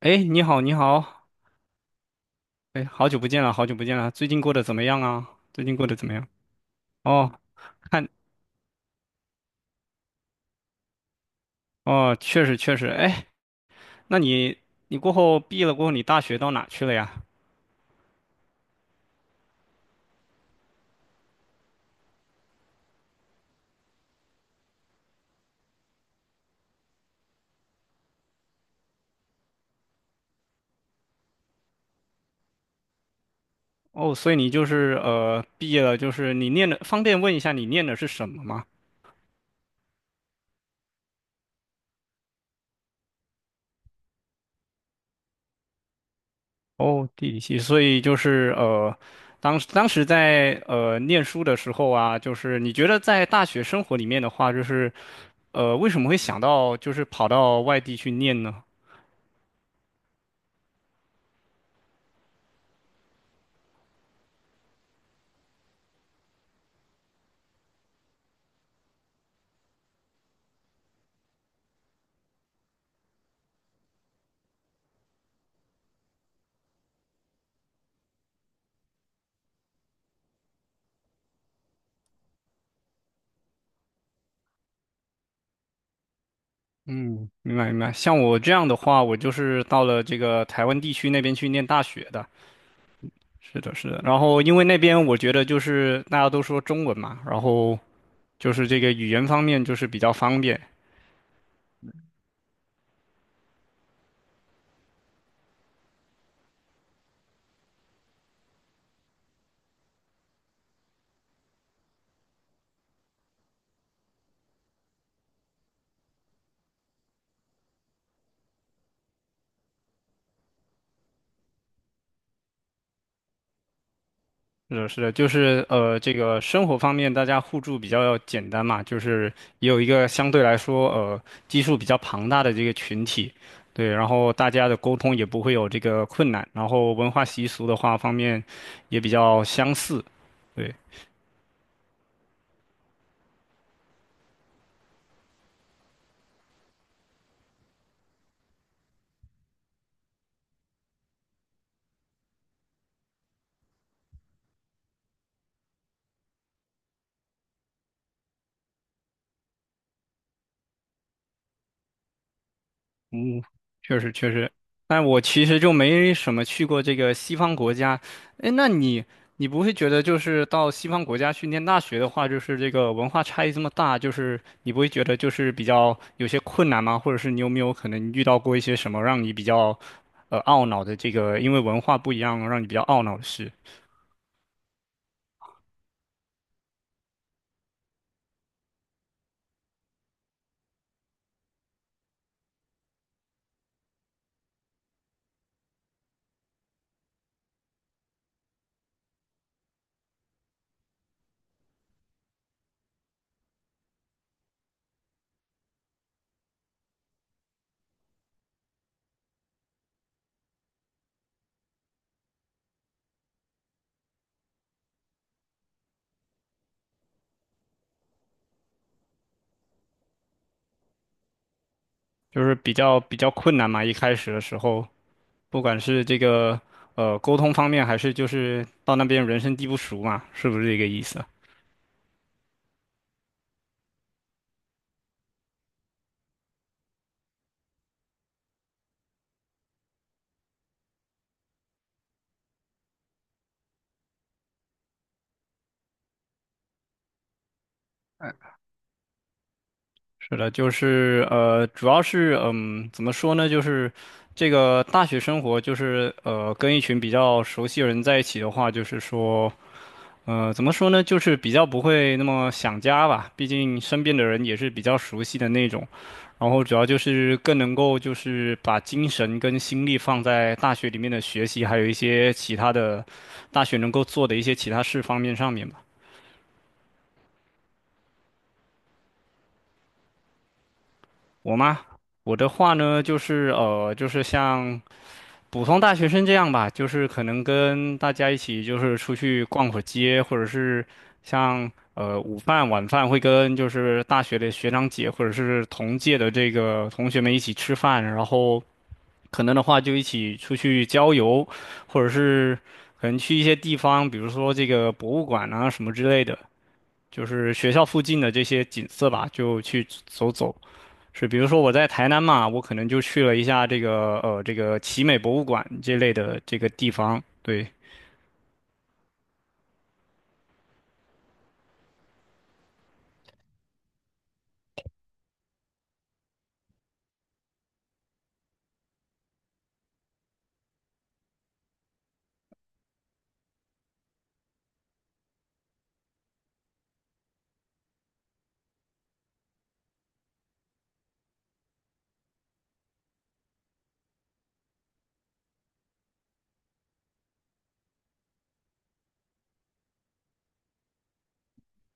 哎，你好，你好，哎，好久不见了，好久不见了，最近过得怎么样啊？最近过得怎么样？哦，看，哦，确实确实，哎，那你你过后毕业了过后，你大学到哪去了呀？哦，所以你就是毕业了，就是你念的，方便问一下你念的是什么吗？哦，地理系，所以就是当时在念书的时候啊，就是你觉得在大学生活里面的话，就是为什么会想到就是跑到外地去念呢？嗯，明白明白。像我这样的话，我就是到了这个台湾地区那边去念大学的。是的，是的。然后因为那边我觉得就是大家都说中文嘛，然后就是这个语言方面就是比较方便。是的，是的，就是这个生活方面大家互助比较简单嘛，就是也有一个相对来说基数比较庞大的这个群体，对，然后大家的沟通也不会有这个困难，然后文化习俗的话方面也比较相似，对。嗯，确实确实，但我其实就没什么去过这个西方国家。哎，那你你不会觉得就是到西方国家去念大学的话，就是这个文化差异这么大，就是你不会觉得就是比较有些困难吗？或者是你有没有可能遇到过一些什么让你比较懊恼的这个，因为文化不一样让你比较懊恼的事，就是比较比较困难嘛？一开始的时候，不管是这个沟通方面，还是就是到那边人生地不熟嘛，是不是这个意思？是的，就是主要是嗯，怎么说呢？就是这个大学生活，就是跟一群比较熟悉的人在一起的话，就是说，怎么说呢？就是比较不会那么想家吧，毕竟身边的人也是比较熟悉的那种。然后主要就是更能够就是把精神跟心力放在大学里面的学习，还有一些其他的大学能够做的一些其他事方面上面吧。我吗？我的话呢，就是就是像普通大学生这样吧，就是可能跟大家一起就是出去逛会儿街，或者是像午饭晚饭会跟就是大学的学长姐或者是同届的这个同学们一起吃饭，然后可能的话就一起出去郊游，或者是可能去一些地方，比如说这个博物馆啊什么之类的，就是学校附近的这些景色吧，就去走走。是，比如说我在台南嘛，我可能就去了一下这个这个奇美博物馆这类的这个地方，对，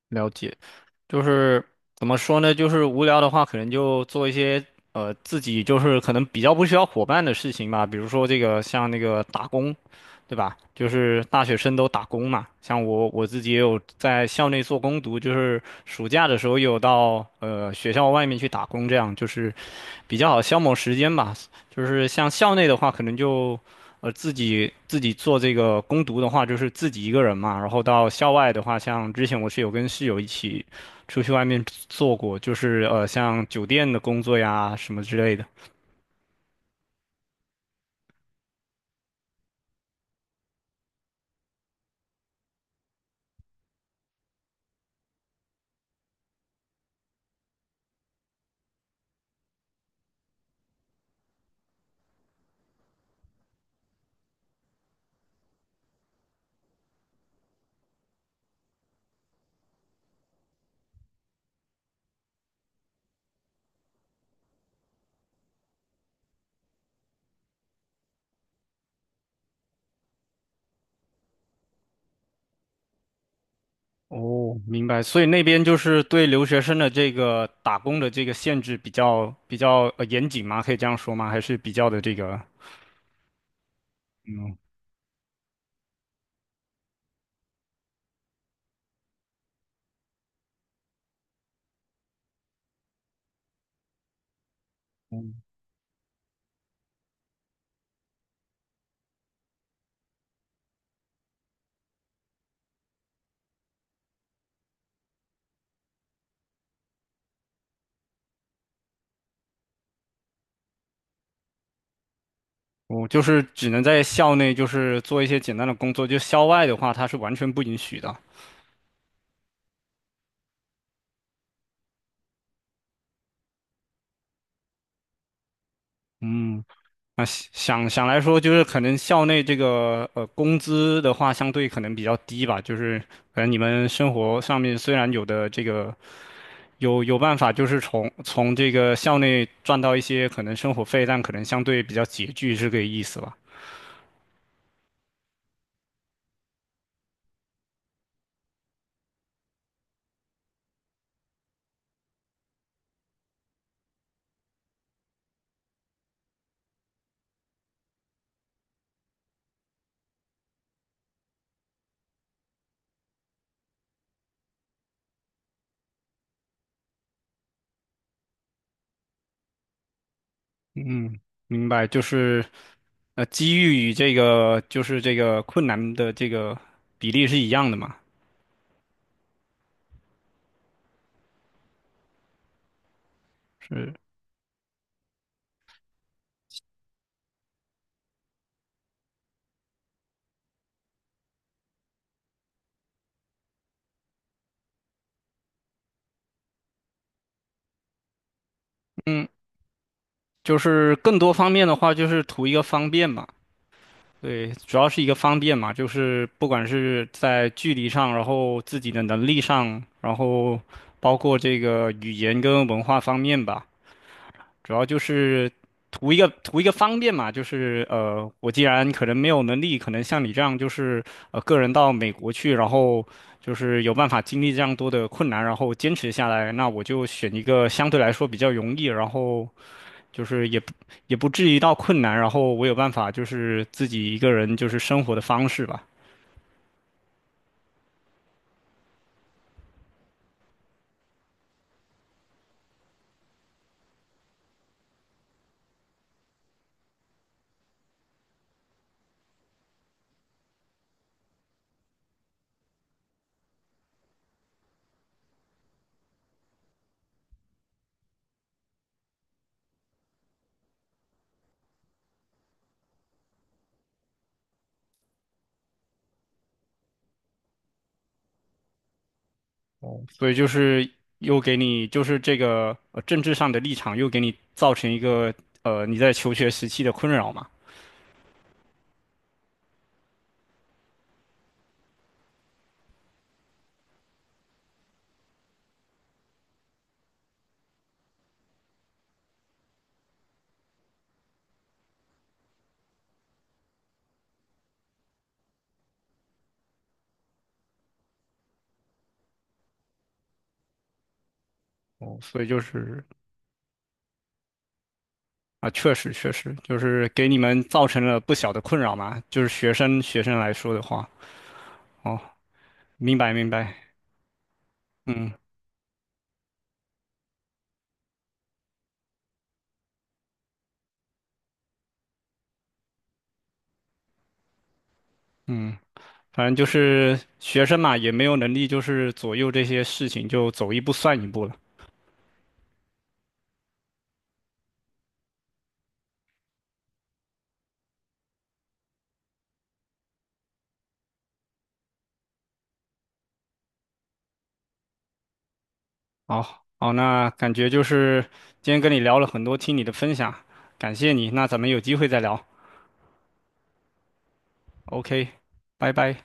了解。就是怎么说呢？就是无聊的话，可能就做一些自己就是可能比较不需要伙伴的事情吧，比如说这个像那个打工。对吧？就是大学生都打工嘛，像我自己也有在校内做攻读，就是暑假的时候也有到学校外面去打工，这样就是比较好消磨时间吧。就是像校内的话，可能就自己做这个攻读的话，就是自己一个人嘛。然后到校外的话，像之前我是有跟室友一起出去外面做过，就是像酒店的工作呀什么之类的。哦，明白。所以那边就是对留学生的这个打工的这个限制比较比较严谨吗？可以这样说吗？还是比较的这个嗯。嗯我就是只能在校内，就是做一些简单的工作，就校外的话，它是完全不允许的。嗯，那想想想来说，就是可能校内这个工资的话，相对可能比较低吧。就是可能你们生活上面虽然有的这个有办法，就是从这个校内赚到一些可能生活费，但可能相对比较拮据，是这个意思吧？嗯，明白，就是机遇与这个就是这个困难的这个比例是一样的嘛？是，嗯，就是更多方面的话，就是图一个方便嘛。对，主要是一个方便嘛，就是不管是在距离上，然后自己的能力上，然后包括这个语言跟文化方面吧。主要就是图一个图一个方便嘛，就是我既然可能没有能力，可能像你这样就是个人到美国去，然后就是有办法经历这样多的困难，然后坚持下来，那我就选一个相对来说比较容易，然后就是也不也不至于到困难，然后我有办法就是自己一个人就是生活的方式吧，所以就是又给你就是这个政治上的立场又给你造成一个你在求学时期的困扰嘛。哦，所以就是啊，确实确实，就是给你们造成了不小的困扰嘛，就是学生学生来说的话，哦，明白明白，嗯嗯，反正就是学生嘛，也没有能力就是左右这些事情，就走一步算一步了。好好，那感觉就是今天跟你聊了很多，听你的分享，感谢你，那咱们有机会再聊，OK，拜拜。